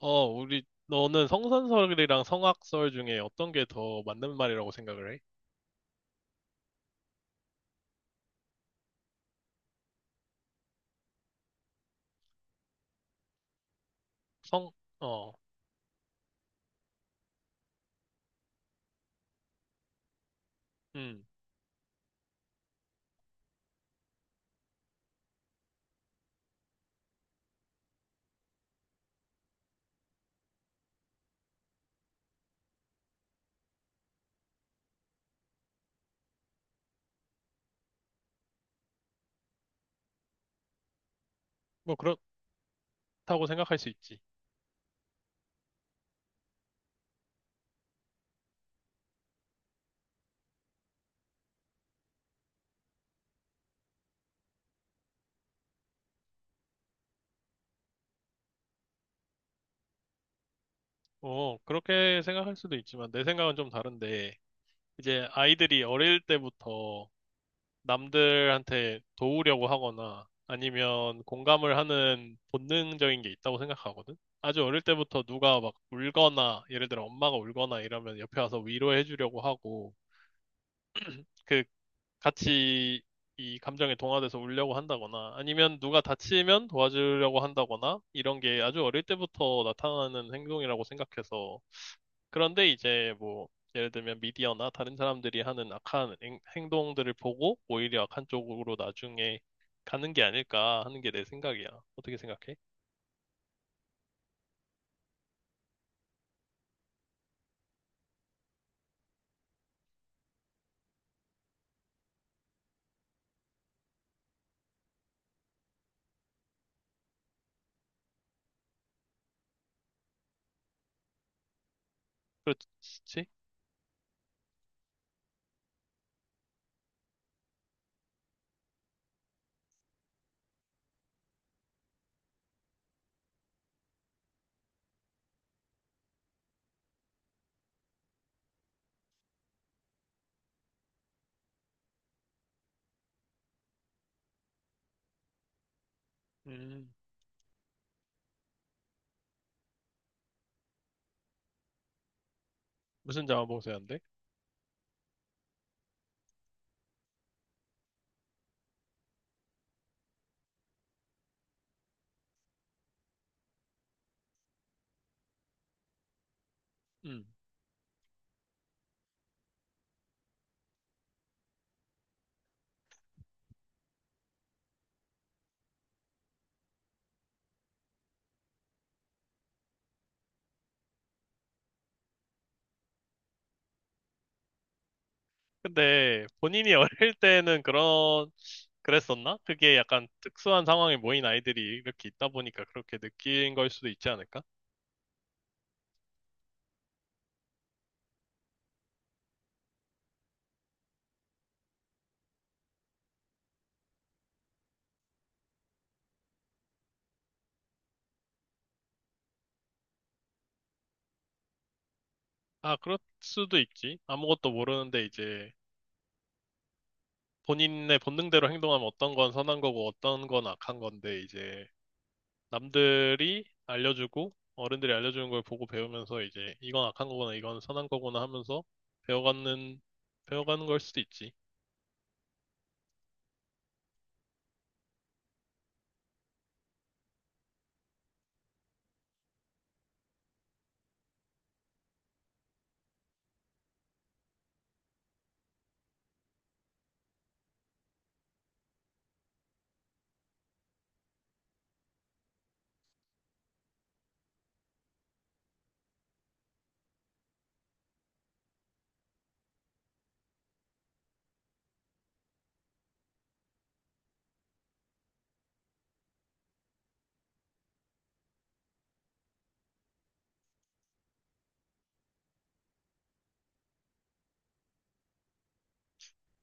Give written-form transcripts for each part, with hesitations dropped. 너는 성선설이랑 성악설 중에 어떤 게 더 맞는 말이라고 생각을 해? 성, 어, 음, 뭐 그렇다고 생각할 수 있지. 그렇게 생각할 수도 있지만 내 생각은 좀 다른데, 이제 아이들이 어릴 때부터 남들한테 도우려고 하거나 아니면 공감을 하는 본능적인 게 있다고 생각하거든? 아주 어릴 때부터 누가 막 울거나, 예를 들어 엄마가 울거나 이러면 옆에 와서 위로해 주려고 하고, 그 같이 이 감정에 동화돼서 울려고 한다거나 아니면 누가 다치면 도와주려고 한다거나 이런 게 아주 어릴 때부터 나타나는 행동이라고 생각해서 그런데 이제 뭐 예를 들면 미디어나 다른 사람들이 하는 악한 행동들을 보고 오히려 악한 쪽으로 나중에 가는 게 아닐까 하는 게 내 생각이야. 어떻게 생각해? 그렇지? 음, 무슨 자원봉사인데? 근데 본인이 어릴 때는 그런, 그랬었나? 그게 약간 특수한 상황에 모인 아이들이 이렇게 있다 보니까 그렇게 느낀 걸 수도 있지 않을까? 아, 그럴 수도 있지. 아무것도 모르는데 이제 본인의 본능대로 행동하면 어떤 건 선한 거고 어떤 건 악한 건데 이제 남들이 알려주고 어른들이 알려주는 걸 보고 배우면서 이제 이건 악한 거구나 이건 선한 거구나 하면서 배워가는, 배워가는 걸 수도 있지.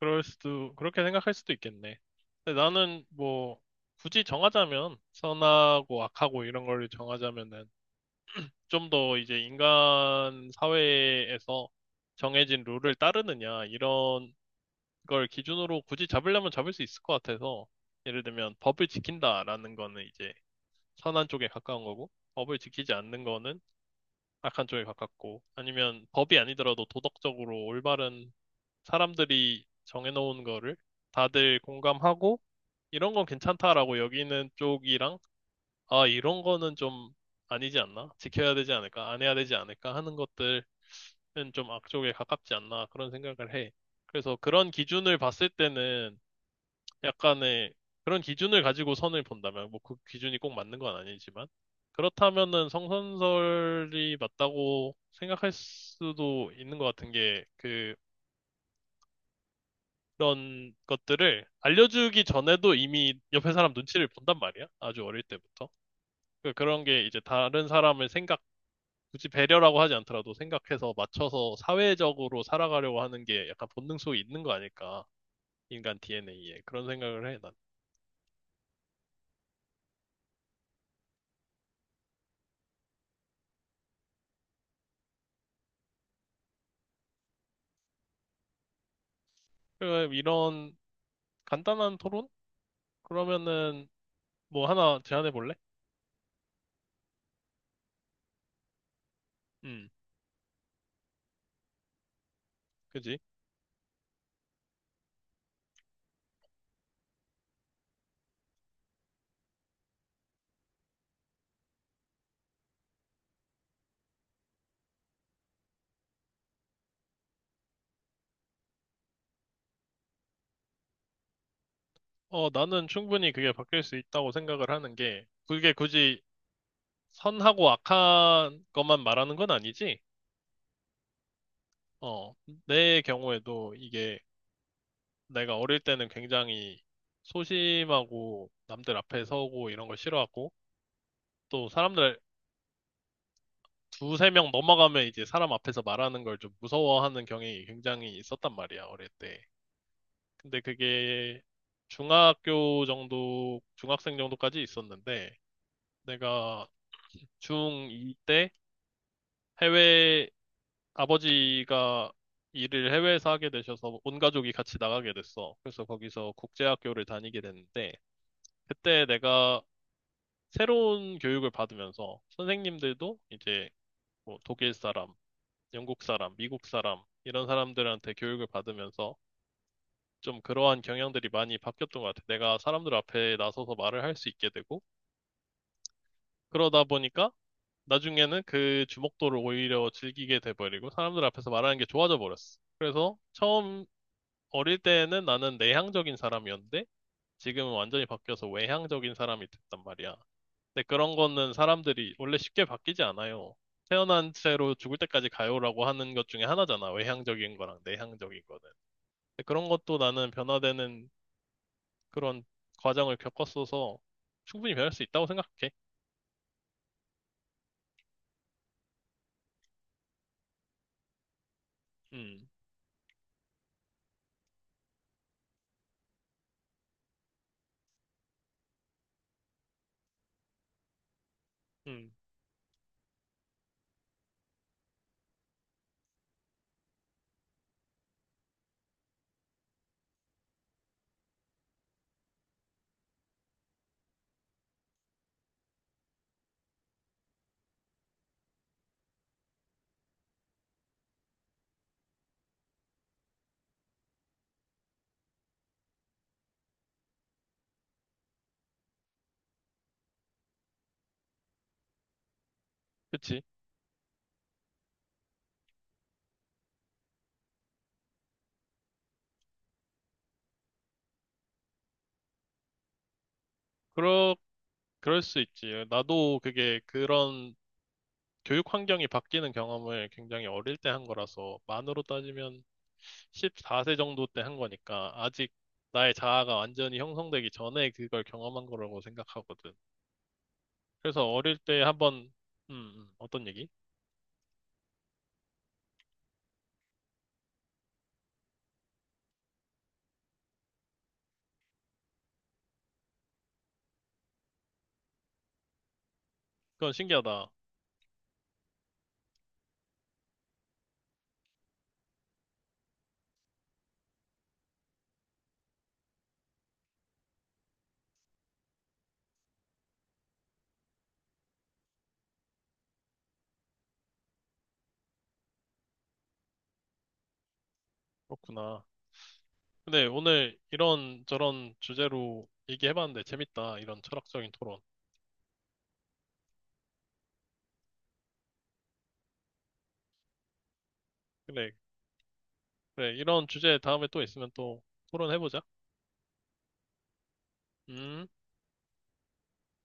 그럴 수도, 그렇게 생각할 수도 있겠네. 근데 나는 뭐, 굳이 정하자면, 선하고 악하고 이런 걸 정하자면은, 좀 더 이제 인간 사회에서 정해진 룰을 따르느냐, 이런 걸 기준으로 굳이 잡으려면 잡을 수 있을 것 같아서, 예를 들면, 법을 지킨다라는 거는 이제 선한 쪽에 가까운 거고, 법을 지키지 않는 거는 악한 쪽에 가깝고, 아니면 법이 아니더라도 도덕적으로 올바른 사람들이 정해놓은 거를 다들 공감하고 이런 건 괜찮다라고 여기는 쪽이랑 아, 이런 거는 좀 아니지 않나? 지켜야 되지 않을까? 안 해야 되지 않을까? 하는 것들은 좀 악쪽에 가깝지 않나? 그런 생각을 해. 그래서 그런 기준을 봤을 때는 약간의 그런 기준을 가지고 선을 본다면 뭐 그 기준이 꼭 맞는 건 아니지만 그렇다면은 성선설이 맞다고 생각할 수도 있는 것 같은 게그 그런 것들을 알려주기 전에도 이미 옆에 사람 눈치를 본단 말이야. 아주 어릴 때부터. 그런 게 이제 다른 사람을 생각, 굳이 배려라고 하지 않더라도 생각해서 맞춰서 사회적으로 살아가려고 하는 게 약간 본능 속에 있는 거 아닐까. 인간 DNA에. 그런 생각을 해, 난. 그 이런 간단한 토론? 그러면은 뭐 하나 제안해 볼래? 음, 그지? 어, 나는 충분히 그게 바뀔 수 있다고 생각을 하는 게, 그게 굳이 선하고 악한 것만 말하는 건 아니지? 어, 내 경우에도 이게 내가 어릴 때는 굉장히 소심하고 남들 앞에 서고 이런 걸 싫어하고 또 사람들 두세 명 넘어가면 이제 사람 앞에서 말하는 걸 좀 무서워하는 경향이 굉장히 있었단 말이야, 어릴 때. 근데 그게 중학교 정도, 중학생 정도까지 있었는데 내가 중2 때 아버지가 일을 해외에서 하게 되셔서 온 가족이 같이 나가게 됐어. 그래서 거기서 국제학교를 다니게 됐는데, 그때 내가 새로운 교육을 받으면서 선생님들도 이제 뭐 독일 사람, 영국 사람, 미국 사람, 이런 사람들한테 교육을 받으면서 좀 그러한 경향들이 많이 바뀌었던 것 같아. 내가 사람들 앞에 나서서 말을 할 수 있게 되고, 그러다 보니까 나중에는 그 주목도를 오히려 즐기게 돼버리고, 사람들 앞에서 말하는 게 좋아져 버렸어. 그래서 처음 어릴 때는 나는 내향적인 사람이었는데 지금은 완전히 바뀌어서 외향적인 사람이 됐단 말이야. 근데 그런 거는 사람들이 원래 쉽게 바뀌지 않아요. 태어난 채로 죽을 때까지 가요라고 하는 것 중에 하나잖아. 외향적인 거랑 내향적인 거는. 근데 그런 것도 나는 변화되는 그런 과정을 겪었어서 충분히 변할 수 있다고 생각해. 음, 음, 그치. 그러, 그럴 수 있지. 나도 그게 그런 교육 환경이 바뀌는 경험을 굉장히 어릴 때 한 거라서 만으로 따지면 14세 정도 때 한 거니까 아직 나의 자아가 완전히 형성되기 전에 그걸 경험한 거라고 생각하거든. 그래서 어릴 때 한번 어떤 얘기? 그건 신기하다. 그렇구나. 근데 오늘 이런 저런 주제로 얘기해봤는데 재밌다. 이런 철학적인 토론. 그래, 그래. 이런 주제 다음에 또 있으면 또 토론해보자. 음.